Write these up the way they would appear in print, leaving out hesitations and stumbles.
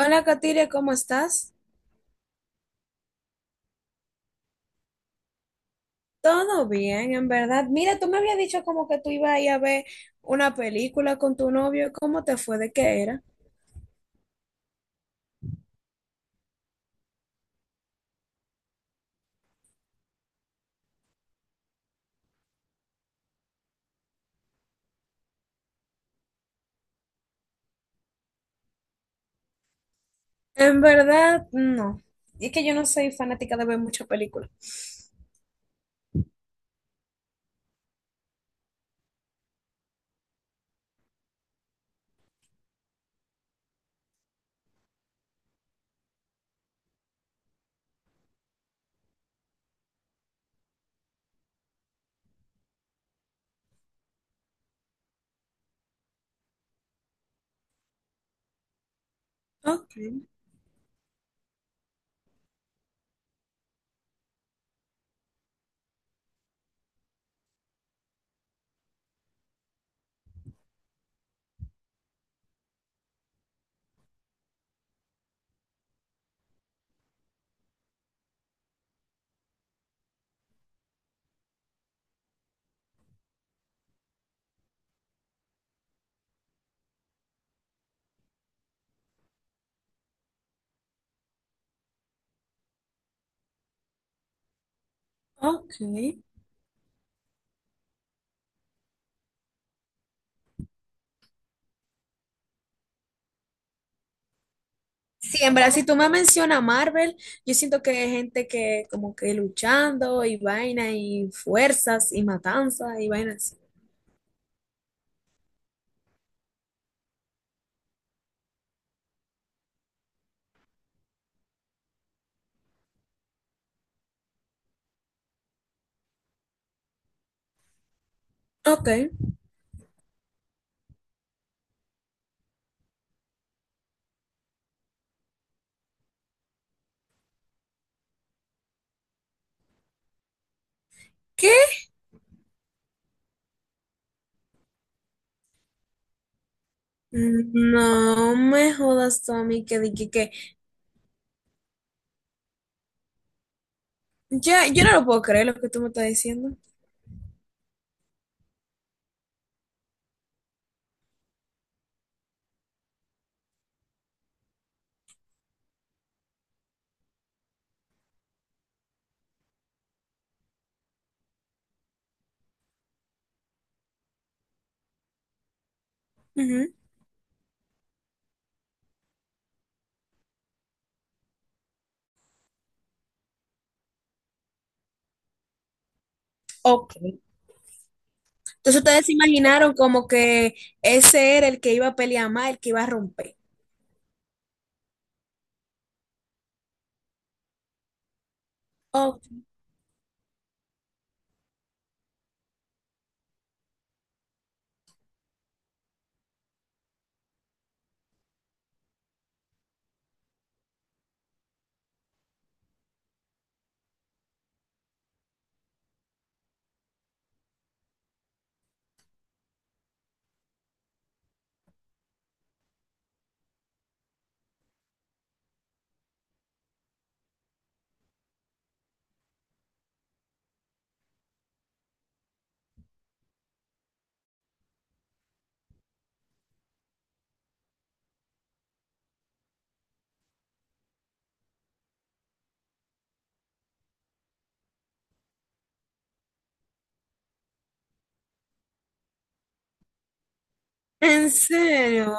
Hola, Katiria, ¿cómo estás? Todo bien, en verdad. Mira, tú me habías dicho como que tú ibas a ir a ver una película con tu novio. ¿Cómo te fue? ¿De qué era? En verdad, no. Es que yo no soy fanática de ver muchas películas. Ok, ok. Sí, en verdad, si tú me mencionas Marvel, yo siento que hay gente que como que luchando y vaina y fuerzas y matanzas y vainas así. Ok. ¿Qué? No me jodas tú a mí que dije que. Ya, yo no lo puedo creer lo que tú me estás diciendo. Ujú. Ok. Entonces ustedes se imaginaron como que ese era el que iba a pelear más, el que iba a romper. Ok. ¿En serio?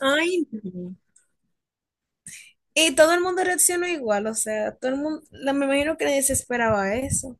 Ay, no. Y todo el mundo reaccionó igual, o sea, todo el mundo, me imagino que nadie se esperaba eso.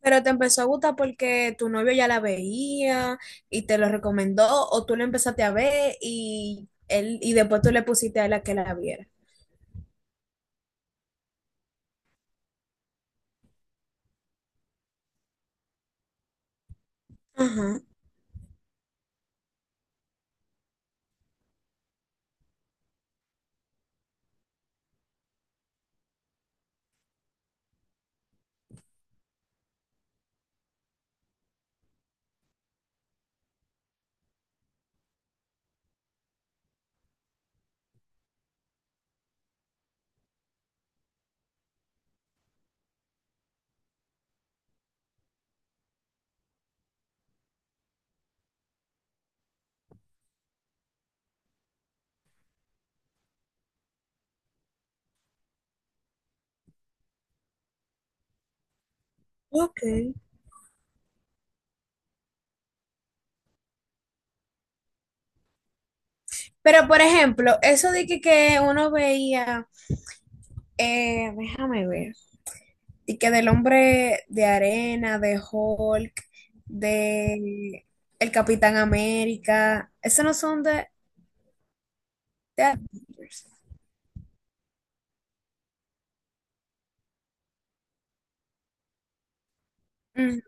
Pero te empezó a gustar porque tu novio ya la veía y te lo recomendó, o tú la empezaste a ver y él, y después tú le pusiste a él a que la viera. Ajá, ok. Pero, por ejemplo, eso de que uno veía, déjame ver, y que del hombre de arena, de Hulk, de el Capitán América, esos no son de Avengers. Mm.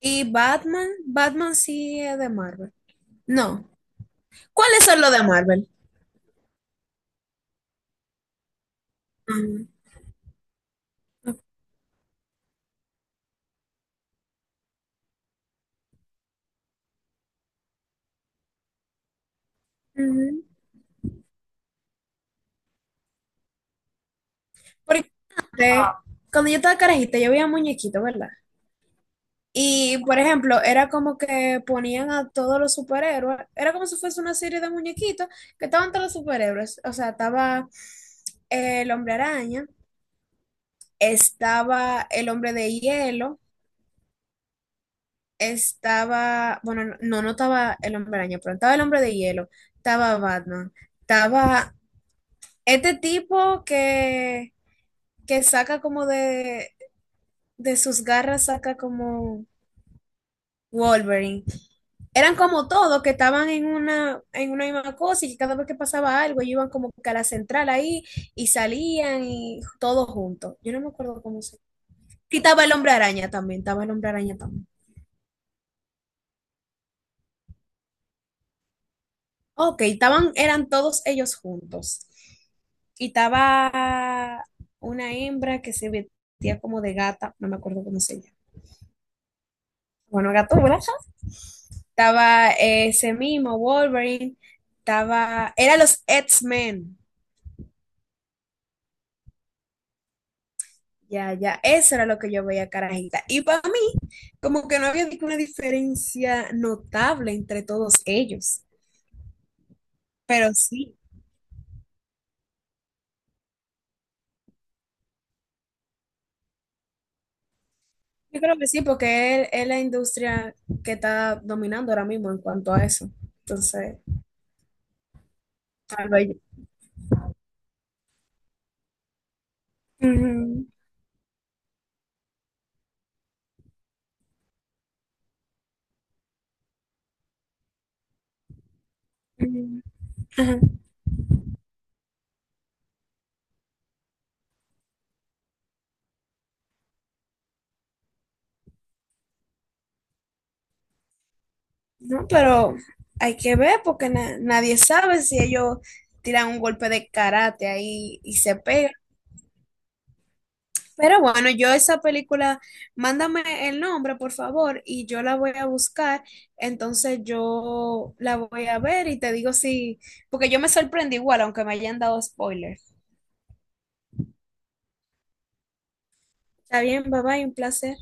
Y Batman, Batman sí es de Marvel. No. ¿Cuáles son los de Marvel? Ujú. Ujú. Porque antes, cuando yo estaba carajita, yo veía muñequitos, ¿verdad? Y, por ejemplo, era como que ponían a todos los superhéroes, era como si fuese una serie de muñequitos que estaban todos los superhéroes. O sea, estaba el hombre araña, estaba el hombre de hielo, estaba, bueno, no, estaba el hombre araña, pero estaba el hombre de hielo, estaba Batman, estaba este tipo que saca como de sus garras, saca como Wolverine. Eran como todos que estaban en una misma cosa y que cada vez que pasaba algo, ellos iban como que a la central ahí y salían y todos juntos. Yo no me acuerdo cómo se. Y estaba el hombre araña también, estaba el hombre araña también. Ok, estaban, eran todos ellos juntos. Y estaba una hembra que se vestía como de gata, no me acuerdo cómo se llama. Bueno, gato, ¿verdad? Estaba ese mismo Wolverine, estaba, eran los X-Men. Ya, ya, eso era lo que yo veía, carajita. Y para mí, como que no había ninguna diferencia notable entre todos ellos. Pero sí, yo creo que sí, porque es la industria que está dominando ahora mismo en cuanto a eso. Entonces, tal vez. Ujú, ujú, ajá. No, pero hay que ver porque nadie sabe si ellos tiran un golpe de karate ahí y se pegan. Pero bueno, yo esa película, mándame el nombre, por favor, y yo la voy a buscar. Entonces yo la voy a ver y te digo si, porque yo me sorprendí igual, aunque me hayan dado spoilers. Está bien, bye bye, un placer.